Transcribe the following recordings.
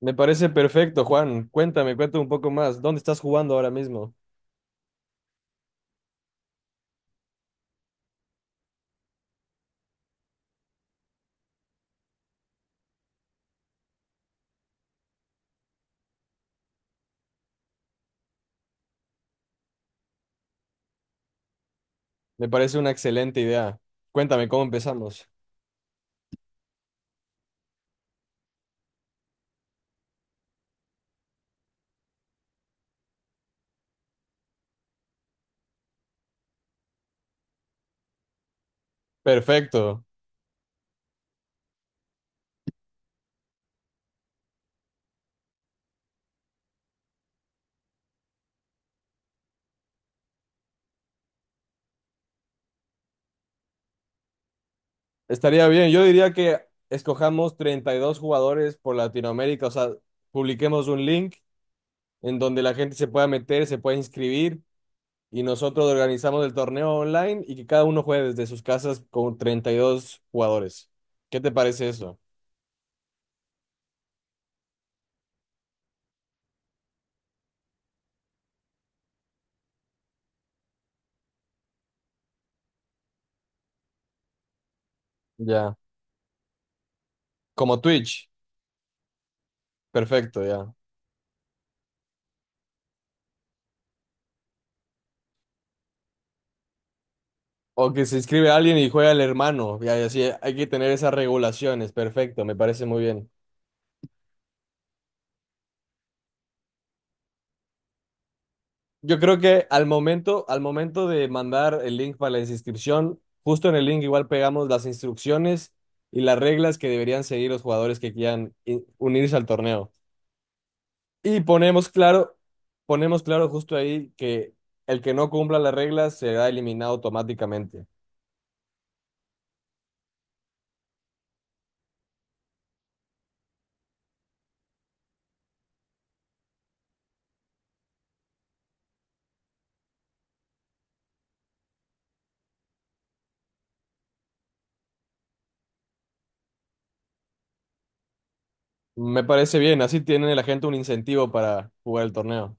Me parece perfecto, Juan. Cuéntame, cuéntame un poco más. ¿Dónde estás jugando ahora mismo? Me parece una excelente idea. Cuéntame cómo empezamos. Perfecto. Estaría bien. Yo diría que escojamos 32 jugadores por Latinoamérica. O sea, publiquemos un link en donde la gente se pueda meter, se pueda inscribir y nosotros organizamos el torneo online y que cada uno juegue desde sus casas con 32 jugadores. ¿Qué te parece eso? Ya. Como Twitch. Perfecto, ya. O que se inscribe alguien y juega el hermano. Y así hay que tener esas regulaciones. Perfecto, me parece muy bien. Yo creo que al momento de mandar el link para la inscripción, justo en el link igual pegamos las instrucciones y las reglas que deberían seguir los jugadores que quieran unirse al torneo. Y ponemos claro justo ahí que el que no cumpla las reglas será eliminado automáticamente. Me parece bien, así tiene la gente un incentivo para jugar el torneo.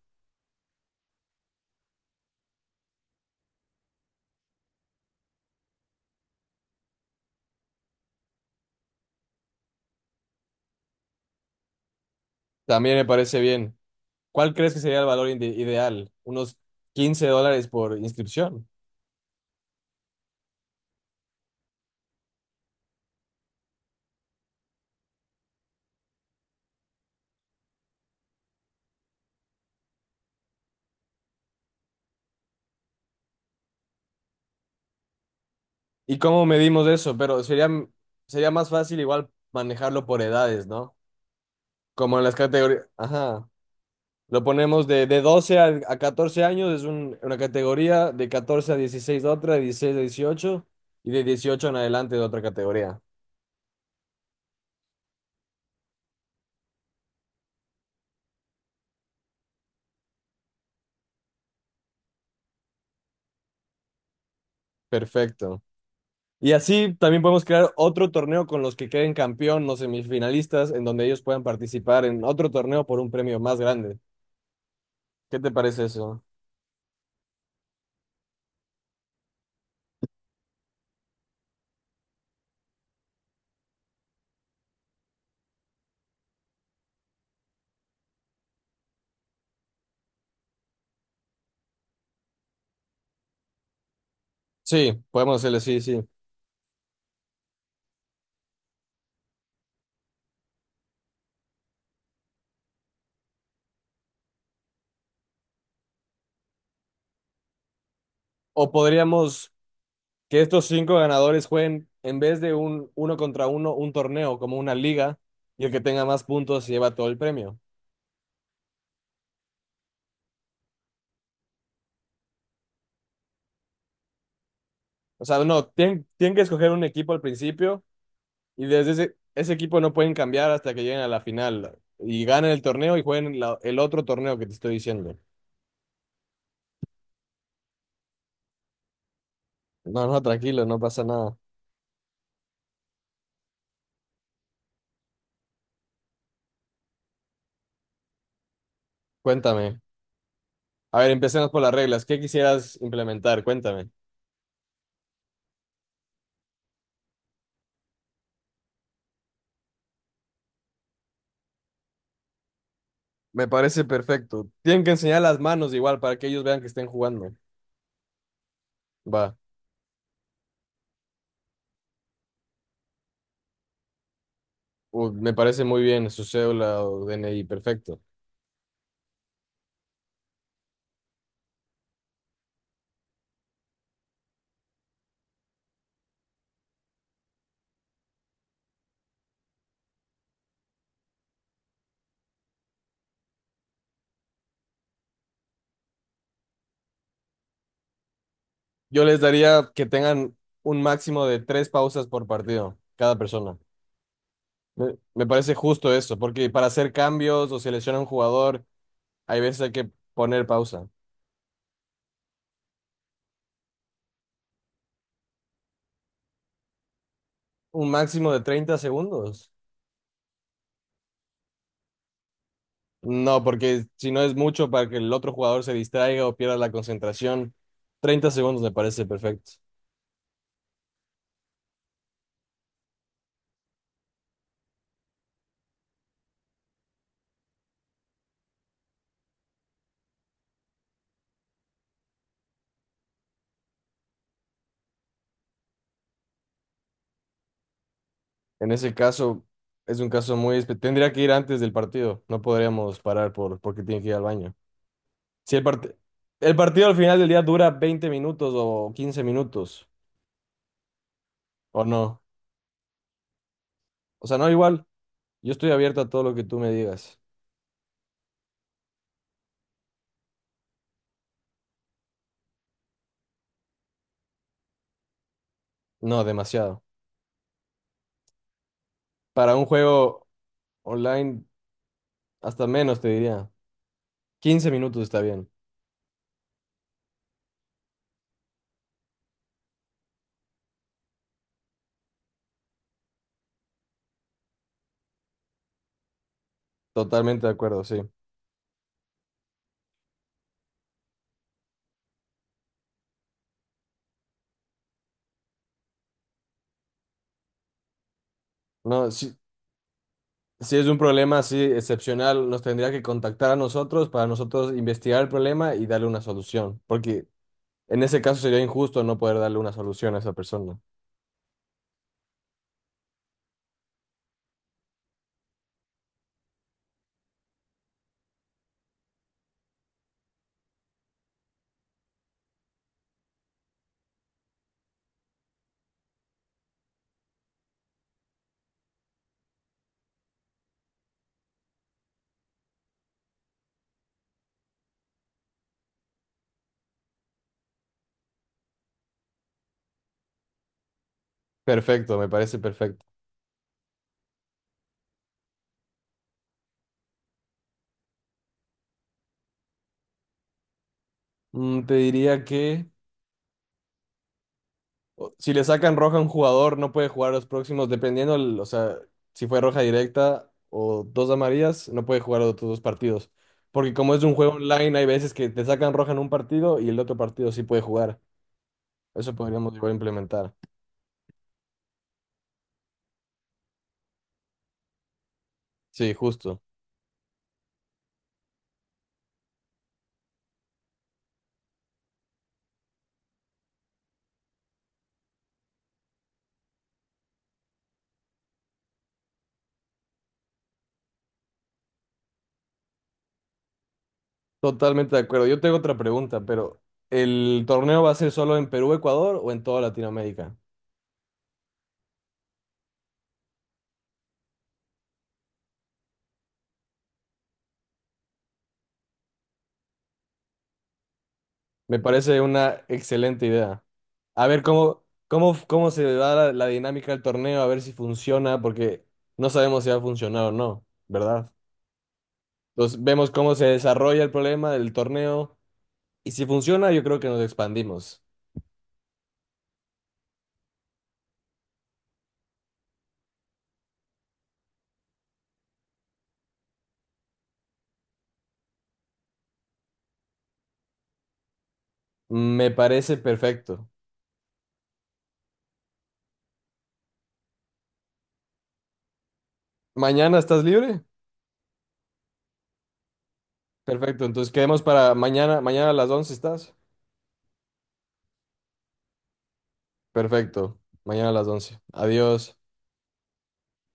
También me parece bien. ¿Cuál crees que sería el valor ideal? Unos 15 dólares por inscripción. ¿Y cómo medimos eso? Pero sería más fácil igual manejarlo por edades, ¿no? Como en las categorías. Ajá. Lo ponemos de 12 a 14 años, es una categoría, de 14 a 16 otra, de 16 a 18 y de 18 en adelante de otra categoría. Perfecto. Y así también podemos crear otro torneo con los que queden campeón, los semifinalistas, en donde ellos puedan participar en otro torneo por un premio más grande. ¿Qué te parece eso? Sí, podemos hacerle, sí, sí. O podríamos que estos cinco ganadores jueguen en vez de un uno contra uno, un torneo, como una liga, y el que tenga más puntos lleva todo el premio. O sea, no, tienen, tienen que escoger un equipo al principio y desde ese equipo no pueden cambiar hasta que lleguen a la final y ganen el torneo y jueguen el otro torneo que te estoy diciendo. No, no, tranquilo, no pasa nada. Cuéntame. A ver, empecemos por las reglas. ¿Qué quisieras implementar? Cuéntame. Me parece perfecto. Tienen que enseñar las manos igual para que ellos vean que estén jugando. Va. Me parece muy bien su cédula o DNI. Perfecto. Yo les daría que tengan un máximo de tres pausas por partido, cada persona. Me parece justo eso, porque para hacer cambios o seleccionar un jugador, hay veces hay que poner pausa. Un máximo de 30 segundos. No, porque si no es mucho para que el otro jugador se distraiga o pierda la concentración, 30 segundos me parece perfecto. En ese caso, es un caso muy espe- Tendría que ir antes del partido. No podríamos parar por, porque tiene que ir al baño. Si el partido al final del día dura 20 minutos o 15 minutos, o no. O sea, no igual. Yo estoy abierto a todo lo que tú me digas. No, demasiado. Para un juego online, hasta menos te diría. 15 minutos está bien. Totalmente de acuerdo, sí. No, si es un problema así excepcional, nos tendría que contactar a nosotros para nosotros investigar el problema y darle una solución. Porque en ese caso sería injusto no poder darle una solución a esa persona. Perfecto, me parece perfecto. Te diría que si le sacan roja a un jugador, no puede jugar los próximos, dependiendo, o sea, si fue roja directa o dos amarillas, no puede jugar los otros dos partidos. Porque como es un juego online, hay veces que te sacan roja en un partido y el otro partido sí puede jugar. Eso podríamos igual implementar. Sí, justo. Totalmente de acuerdo. Yo tengo otra pregunta, pero ¿el torneo va a ser solo en Perú, Ecuador o en toda Latinoamérica? Me parece una excelente idea. A ver cómo se da la dinámica del torneo, a ver si funciona, porque no sabemos si va a funcionar o no, ¿verdad? Entonces vemos cómo se desarrolla el problema del torneo y si funciona, yo creo que nos expandimos. Me parece perfecto. ¿Mañana estás libre? Perfecto, entonces quedemos para mañana, mañana a las 11 estás. Perfecto, mañana a las once. Adiós.